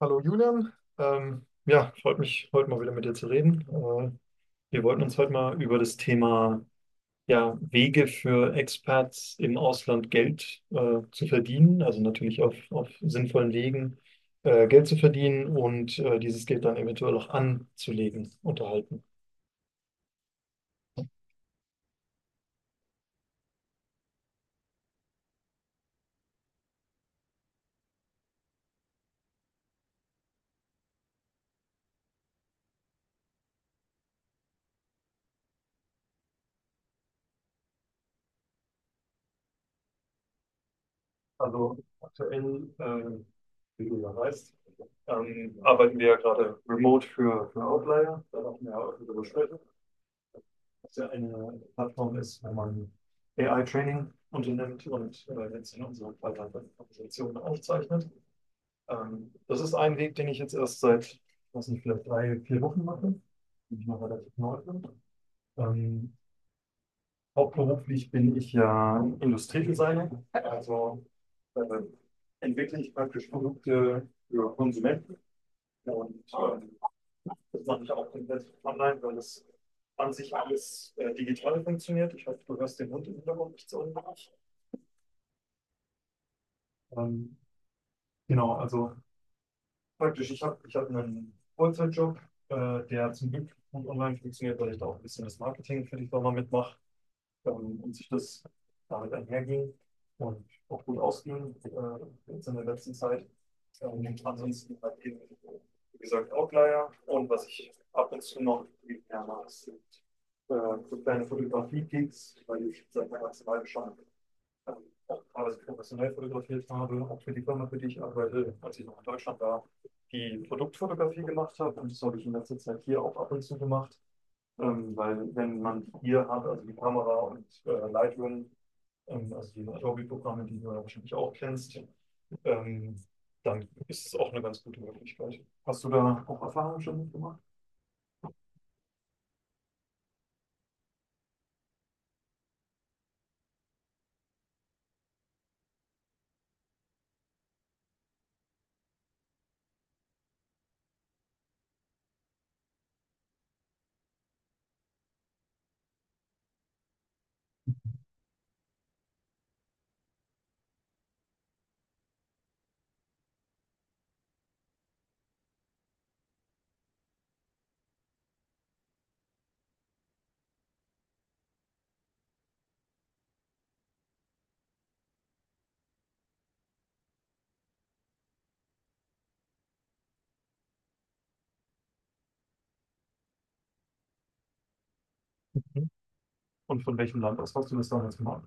Hallo Julian, ja, freut mich, heute mal wieder mit dir zu reden. Wir wollten uns heute mal über das Thema ja, Wege für Expats im Ausland Geld zu verdienen, also natürlich auf sinnvollen Wegen Geld zu verdienen und dieses Geld dann eventuell auch anzulegen, unterhalten. Also aktuell, wie du ja weißt, arbeiten wir ja gerade remote für Outlier, da machen wir ja auch darüber ja eine Plattform ist, wenn man AI-Training unternimmt und jetzt in unserer Präsentation aufzeichnet. Das ist ein Weg, den ich jetzt erst seit, was nicht, vielleicht 3, 4 Wochen mache, bin ich noch relativ neu bin. Ähm, Hauptberuflich bin ich ja Industriedesigner, also äh, entwickle ich praktisch Produkte für Konsumenten und das mache ich auch komplett online, weil das an sich alles digital funktioniert. Ich hoffe, du hörst den Hund im Hintergrund nicht so unbedingt. Ähm, genau, also praktisch, ich hab einen Vollzeitjob, der zum Glück gut online funktioniert, weil ich da auch ein bisschen das Marketing für die Firma mitmache. Und sich das damit einherging und auch gut ausging jetzt in der letzten Zeit. Ansonsten halt eben, wie gesagt, Outlier, und was ich ab und zu noch viel mehr mache, sind äh, so kleine Fotografie-Gigs, weil ich seit meiner Zeit schon ähm, auch teilweise professionell fotografiert habe, auch für die Firma, für die ich arbeite, als ich noch in Deutschland war, die Produktfotografie gemacht habe, und das habe ich in letzter Zeit hier auch ab und zu gemacht. Weil wenn man hier hat, also die Kamera und Lightroom, also die Adobe-Programme, die du ja wahrscheinlich auch kennst, ähm, dann ist es auch eine ganz gute Möglichkeit. Hast du da auch Erfahrungen schon mitgemacht? Und von welchem Land aus hast du das damals gemacht?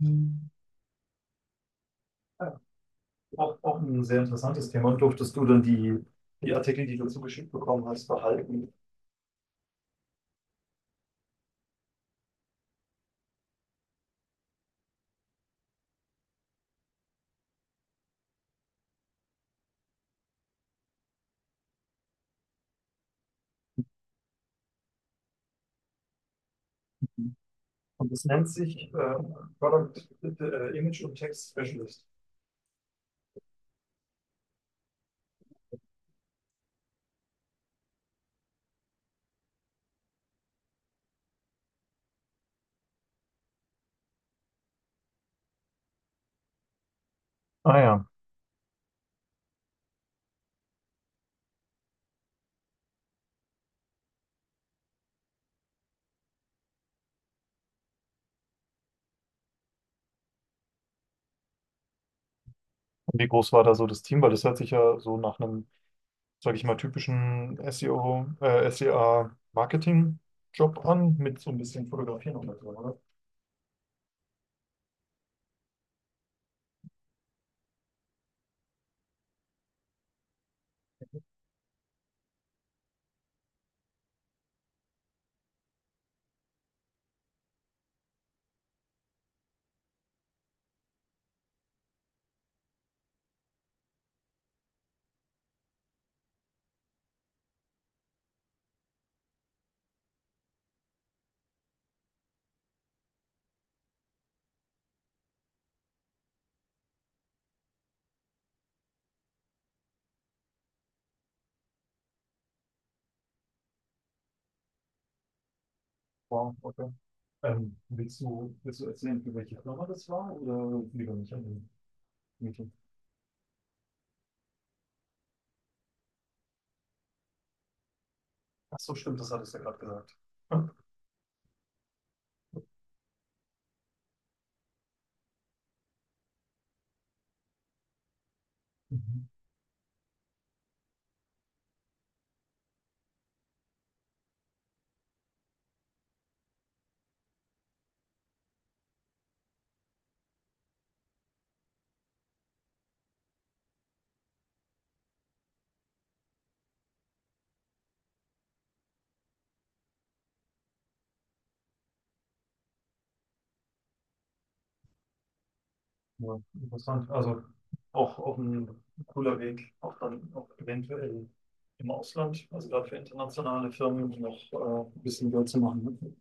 Mhm. Ja, auch, auch ein sehr interessantes Thema. Und durftest du dann die, die Artikel, die du zugeschickt bekommen hast, behalten? Mhm. Und das nennt sich Product Image und Text Specialist. Ah ja. Und wie groß war da so das Team? Weil das hört sich ja so nach einem, sage ich mal, typischen SEO, SEA-Marketing-Job an, mit so ein bisschen Fotografieren und so, oder? Wow, okay. Willst du erzählen, für welche Firma das war, oder lieber nicht an den Meeting? Ach so, stimmt, das hattest du ja gerade gesagt. Ja. Mhm. Ja, interessant. Also auch, auch ein cooler Weg, auch dann auch eventuell im Ausland, also gerade für internationale Firmen, noch ein bisschen Geld zu machen, ne?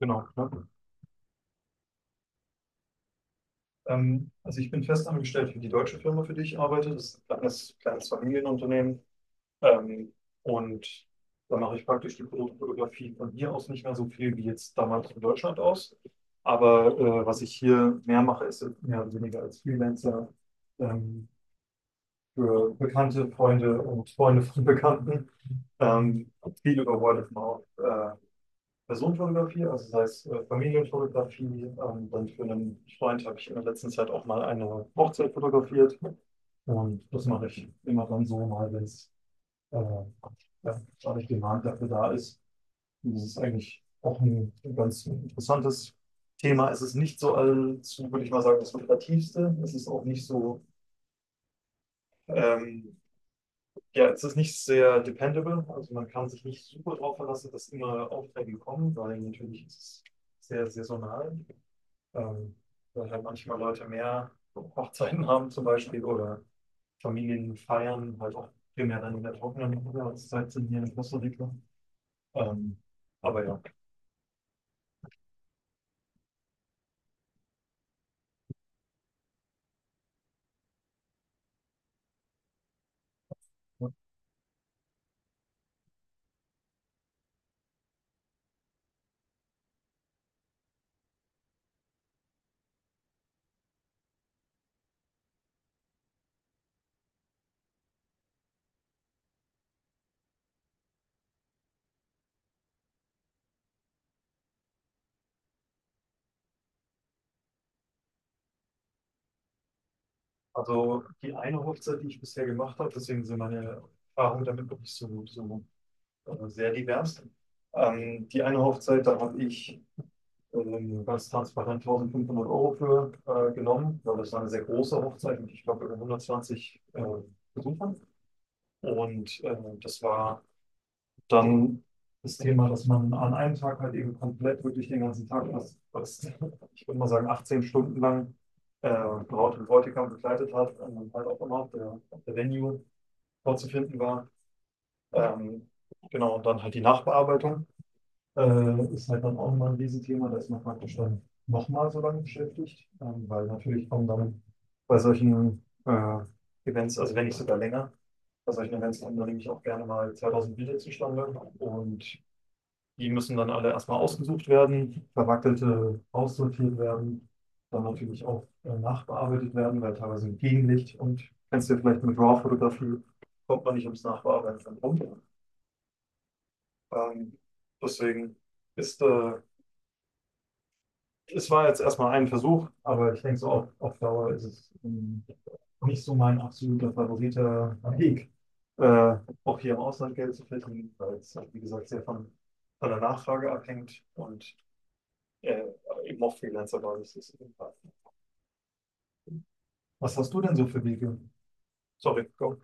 Genau, ja. Also ich bin festangestellt für die deutsche Firma, für die ich arbeite. Das ist ein kleines, kleines Familienunternehmen. Ähm, und da mache ich praktisch die Produktfotografie von hier aus nicht mehr so viel wie jetzt damals in Deutschland aus. Aber was ich hier mehr mache, ist mehr oder weniger als Freelancer ähm, für Bekannte, Freunde und Freunde von Bekannten. Ähm, Viel über Word of Mouth. Personenfotografie, also sei es Familienfotografie, dann für einen Freund habe ich in der letzten Zeit auch mal eine Hochzeit fotografiert. Und das mache ich immer dann so mal, wenn es ja, dadurch Demand dafür da ist. Und das ist eigentlich auch ein ganz interessantes Thema. Es ist nicht so allzu, würde ich mal sagen, das lukrativste. Es ist auch nicht so, ähm, ja, es ist nicht sehr dependable. Also man kann sich nicht super drauf verlassen, dass immer Aufträge kommen, weil natürlich ist es sehr saisonal. Ähm, Weil halt manchmal Leute mehr Hochzeiten haben zum Beispiel oder Familien feiern, halt auch primär dann in der trockenen Jahreszeit sind hier in Costa Rica. Ähm, aber ja, also die eine Hochzeit, die ich bisher gemacht habe, deswegen sind meine Erfahrungen damit wirklich so, so sehr divers. Die eine Hochzeit, da habe ich ganz transparent 1500 € für genommen, weil das war eine sehr große Hochzeit mit, ich glaube, über 120 Besuchern. Und das war dann das Thema, dass man an einem Tag halt eben komplett wirklich den ganzen Tag, was, was ich würde mal sagen, 18 Stunden lang Braut und Bräutigam begleitet hat und dann halt auch immer der, der Venue vorzufinden war. Ähm, genau, und dann halt die Nachbearbeitung ist halt dann auch immer ein Riesenthema, da ist man praktisch dann nochmal so lange beschäftigt, weil natürlich kommen dann bei solchen Events, also wenn nicht sogar länger, bei solchen Events kommen dann nämlich auch gerne mal 2000 Bilder zustande, und die müssen dann alle erstmal ausgesucht werden, verwackelte aussortiert werden, dann natürlich auch nachbearbeitet werden, weil teilweise im Gegenlicht, und kennst du ja vielleicht mit RAW-Fotografie, kommt man nicht ums Nachbearbeiten dran rum. Ähm, deswegen ist, äh, es war jetzt erstmal ein Versuch, aber ich denke so auf Dauer ist es nicht so mein absoluter favoriter Weg, äh, auch hier im Ausland Geld zu verdienen, weil es, wie gesagt, sehr von der Nachfrage abhängt und äh, eben auch Freelancer-Basis ist. Was hast du denn so für Wege? Sorry, go.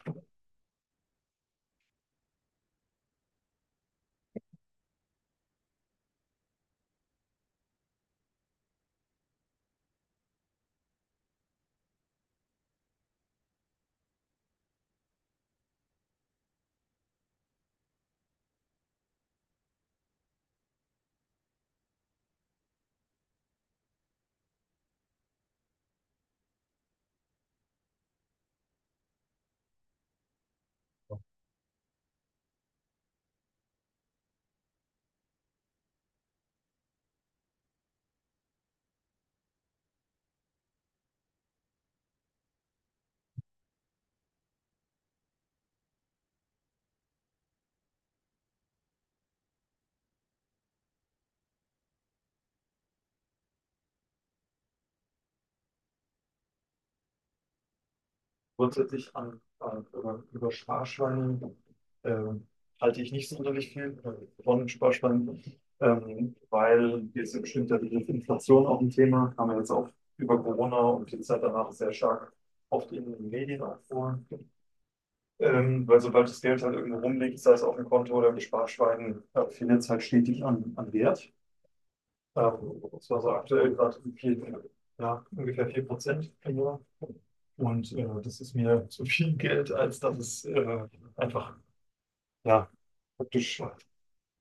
Grundsätzlich über Sparschweine ähm, halte ich nicht sonderlich viel von Sparschweinen, weil jetzt im bestimmter Begriff Inflation auch ein Thema, haben wir jetzt auch über Corona und die Zeit danach sehr stark oft in den Medien auch vor. Weil sobald das Geld halt irgendwo rumliegt, sei es auf dem Konto oder im Sparschwein, findet es halt stetig an, an Wert. Das war so aktuell gerade vier, ja, ungefähr 4 Prozent im Jahr. Und das ist mir zu viel Geld, als dass es einfach ja, praktisch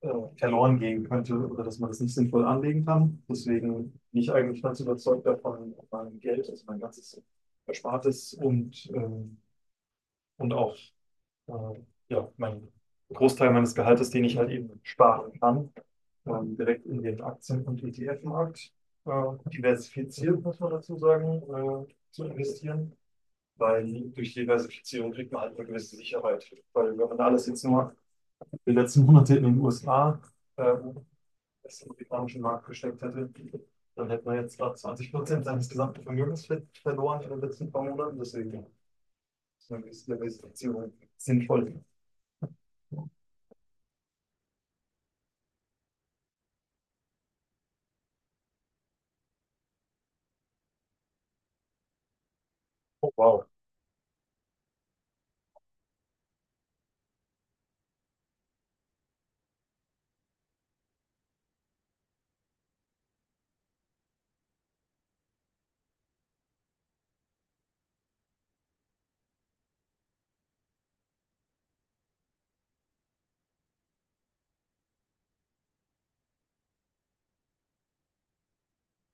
äh, verloren gehen könnte oder dass man das nicht sinnvoll anlegen kann. Deswegen bin ich eigentlich ganz überzeugt davon, mein Geld, also mein ganzes Erspartes und auch äh, ja, mein Großteil meines Gehaltes, den ich halt eben sparen kann, direkt in den Aktien- und ETF-Markt diversifiziert, muss man dazu sagen, zu investieren, weil durch Diversifizierung kriegt man halt eine gewisse Sicherheit. Weil wenn man alles jetzt nur die letzten Monate in den USA äh, das im amerikanischen Markt gesteckt hätte, dann hätte man jetzt gerade 20% seines gesamten Vermögens verloren in den letzten paar Monaten. Deswegen ist eine gewisse Diversifizierung sinnvoll. Oh, wow.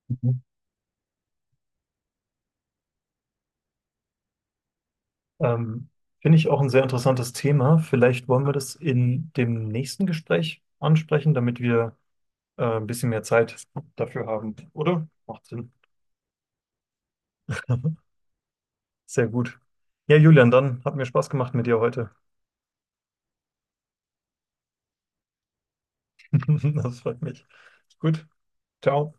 Mhm. Ähm, Finde ich auch ein sehr interessantes Thema. Vielleicht wollen wir das in dem nächsten Gespräch ansprechen, damit wir ein bisschen mehr Zeit dafür haben, oder? Macht Sinn. Sehr gut. Ja, Julian, dann hat mir Spaß gemacht mit dir heute. Das freut mich. Gut. Ciao.